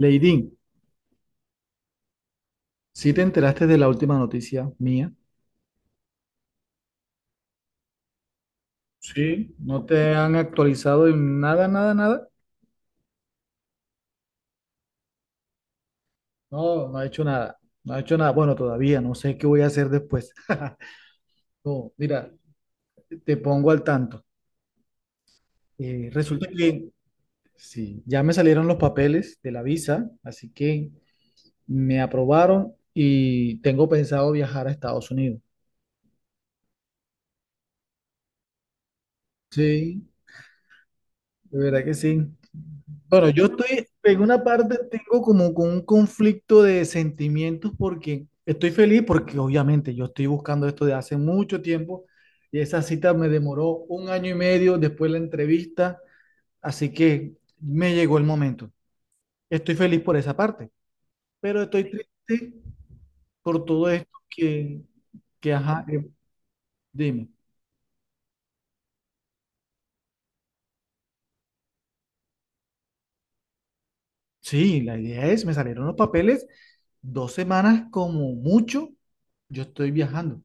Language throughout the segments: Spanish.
Leidín, ¿sí te enteraste de la última noticia mía? Sí, ¿no te han actualizado en nada, nada, nada? No, no ha hecho nada. No ha hecho nada. Bueno, todavía no sé qué voy a hacer después. No, mira, te pongo al tanto. Resulta que sí, ya me salieron los papeles de la visa, así que me aprobaron y tengo pensado viajar a Estados Unidos. Sí, de verdad que sí. Bueno, yo estoy, en una parte tengo como con un conflicto de sentimientos porque estoy feliz porque obviamente yo estoy buscando esto de hace mucho tiempo y esa cita me demoró un año y medio después de la entrevista, así que me llegó el momento. Estoy feliz por esa parte, pero estoy triste por todo esto que ajá, dime. Sí, la idea es, me salieron los papeles 2 semanas como mucho, yo estoy viajando.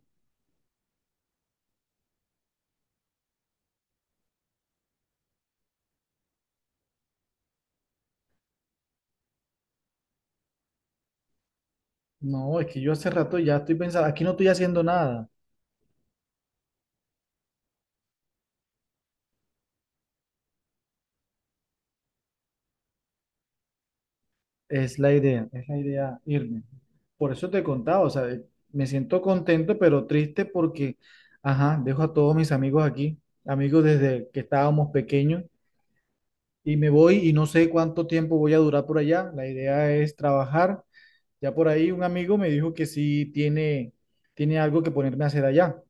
No, es que yo hace rato ya estoy pensando, aquí no estoy haciendo nada. Es la idea irme. Por eso te he contado, o sea, me siento contento, pero triste porque, ajá, dejo a todos mis amigos aquí, amigos desde que estábamos pequeños, y me voy y no sé cuánto tiempo voy a durar por allá. La idea es trabajar. Ya por ahí un amigo me dijo que sí tiene algo que ponerme a hacer allá.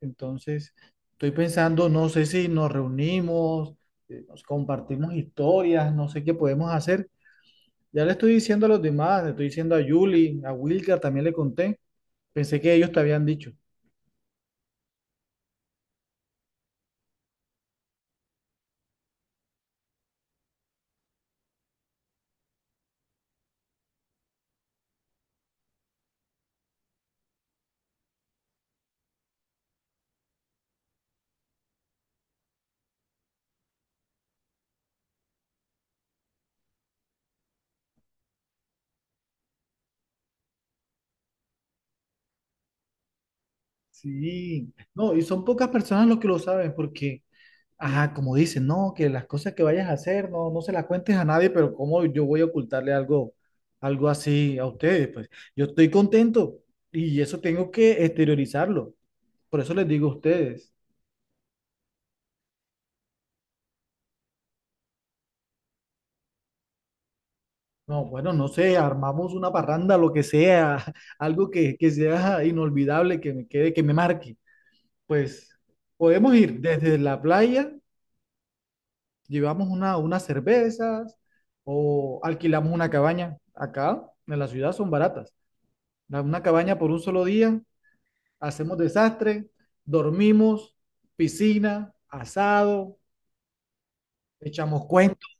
Entonces, estoy pensando, no sé si nos reunimos, nos compartimos historias, no sé qué podemos hacer. Ya le estoy diciendo a los demás, le estoy diciendo a Julie, a Wilka, también le conté. Pensé que ellos te habían dicho. Sí, no, y son pocas personas los que lo saben, porque, ajá, como dicen, no, que las cosas que vayas a hacer, no, no se las cuentes a nadie, pero ¿cómo yo voy a ocultarle algo, algo así a ustedes? Pues yo estoy contento y eso tengo que exteriorizarlo. Por eso les digo a ustedes. No, bueno, no sé, armamos una parranda, lo que sea, algo que sea inolvidable, que me quede, que me marque. Pues podemos ir desde la playa, llevamos unas cervezas o alquilamos una cabaña. Acá en la ciudad son baratas. Da una cabaña por un solo día, hacemos desastre, dormimos, piscina, asado, echamos cuentos,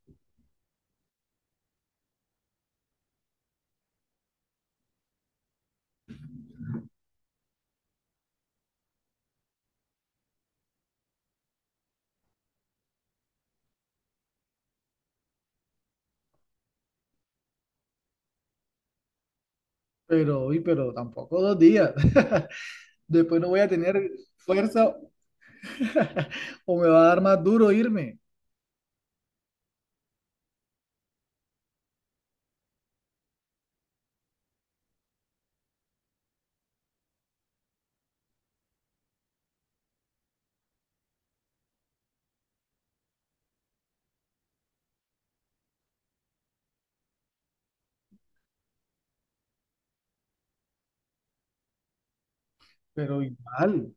pero, uy, pero tampoco 2 días. Después no voy a tener fuerza. O me va a dar más duro irme, pero igual,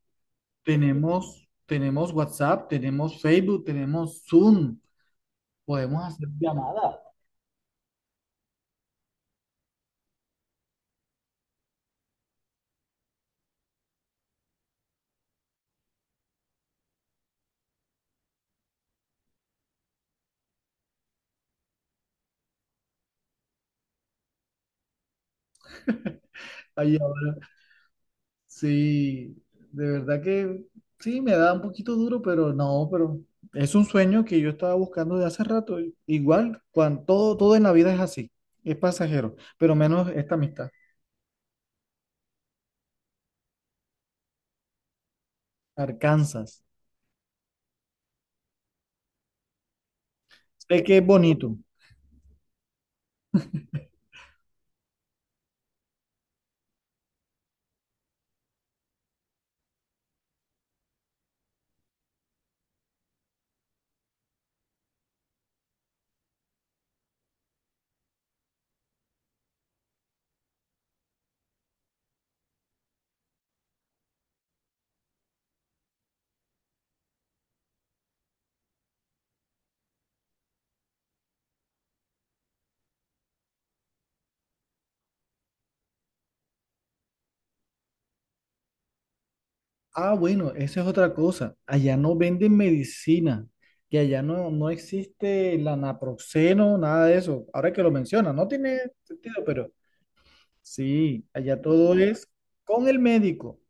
tenemos WhatsApp, tenemos Facebook, tenemos Zoom, podemos hacer llamadas. Ay, ahora, sí, de verdad que sí, me da un poquito duro, pero no, pero es un sueño que yo estaba buscando de hace rato. Igual, cuando todo, todo en la vida es así, es pasajero, pero menos esta amistad. Arkansas. Sé que es bonito. Ah, bueno, esa es otra cosa. Allá no venden medicina, que allá no, no existe el naproxeno, nada de eso. Ahora que lo menciona, no tiene sentido, pero sí, allá todo es con el médico.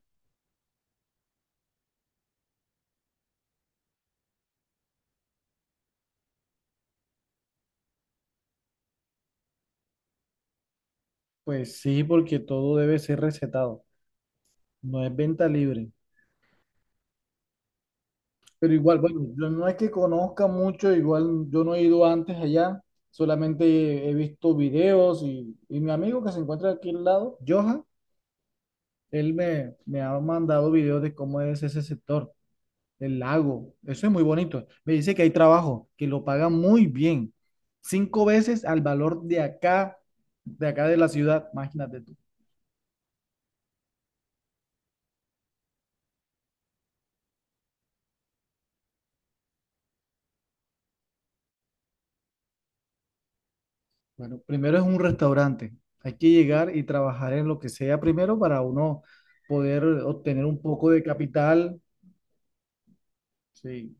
Pues sí, porque todo debe ser recetado, no es venta libre. Pero igual, bueno, yo no es que conozca mucho, igual yo no he ido antes allá, solamente he visto videos y mi amigo que se encuentra aquí al lado, Johan. Él me ha mandado videos de cómo es ese sector, el lago. Eso es muy bonito. Me dice que hay trabajo, que lo pagan muy bien. 5 veces al valor de acá, de la ciudad. Imagínate tú. Bueno, primero es un restaurante. Hay que llegar y trabajar en lo que sea primero para uno poder obtener un poco de capital. Sí.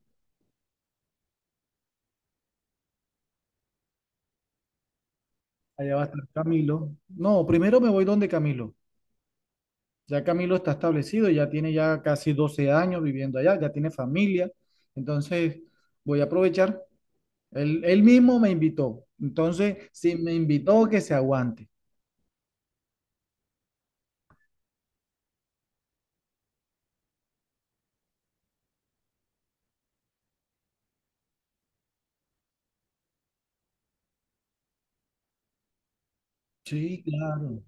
Allá va a estar Camilo. No, primero me voy donde Camilo. Ya Camilo está establecido, ya tiene ya casi 12 años viviendo allá, ya tiene familia. Entonces, voy a aprovechar. Él mismo me invitó. Entonces, si me invitó, que se aguante. Sí, claro.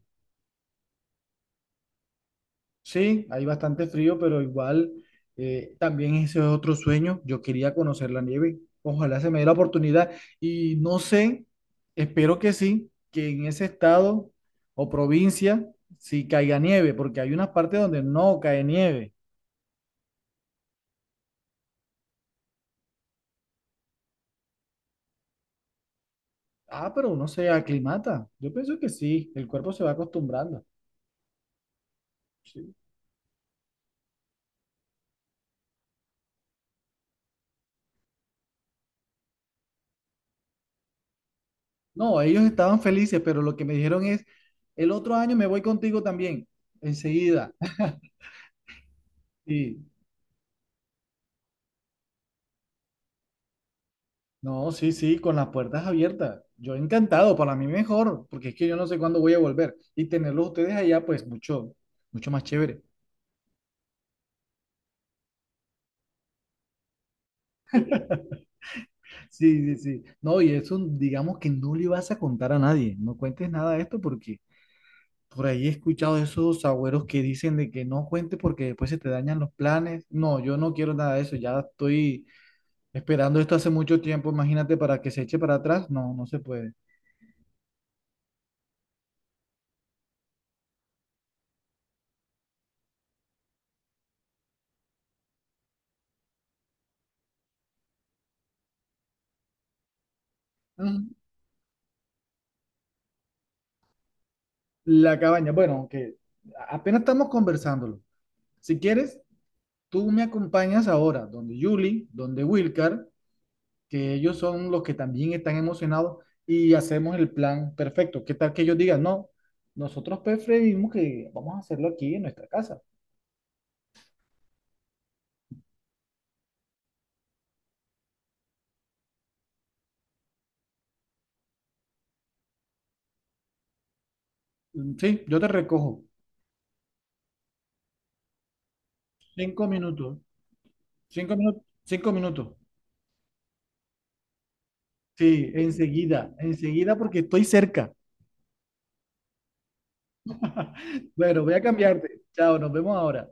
Sí, hay bastante frío, pero igual también ese es otro sueño. Yo quería conocer la nieve. Ojalá se me dé la oportunidad. Y no sé, espero que sí, que en ese estado o provincia sí caiga nieve, porque hay unas partes donde no cae nieve. Ah, pero uno se aclimata. Yo pienso que sí, el cuerpo se va acostumbrando. Sí. No, ellos estaban felices, pero lo que me dijeron es, el otro año me voy contigo también, enseguida. Sí, no, sí, sí, con las puertas abiertas. Yo encantado, para mí mejor, porque es que yo no sé cuándo voy a volver. Y tenerlos ustedes allá, pues mucho, mucho más chévere. Sí, sí, sí. No, y eso, digamos que no le vas a contar a nadie. No cuentes nada de esto porque por ahí he escuchado esos agüeros que dicen de que no cuente porque después se te dañan los planes. No, yo no quiero nada de eso. Ya estoy esperando esto hace mucho tiempo. Imagínate para que se eche para atrás. No, no se puede. Mm. La cabaña. Bueno, aunque apenas estamos conversándolo. Si quieres, tú me acompañas ahora donde Julie, donde Wilcar, que ellos son los que también están emocionados y hacemos el plan perfecto. ¿Qué tal que ellos digan? No, nosotros preferimos que vamos a hacerlo aquí en nuestra casa. Sí, yo te recojo. 5 minutos. 5 minutos. 5 minutos. Sí, enseguida. Enseguida porque estoy cerca. Bueno, voy a cambiarte. Chao, nos vemos ahora.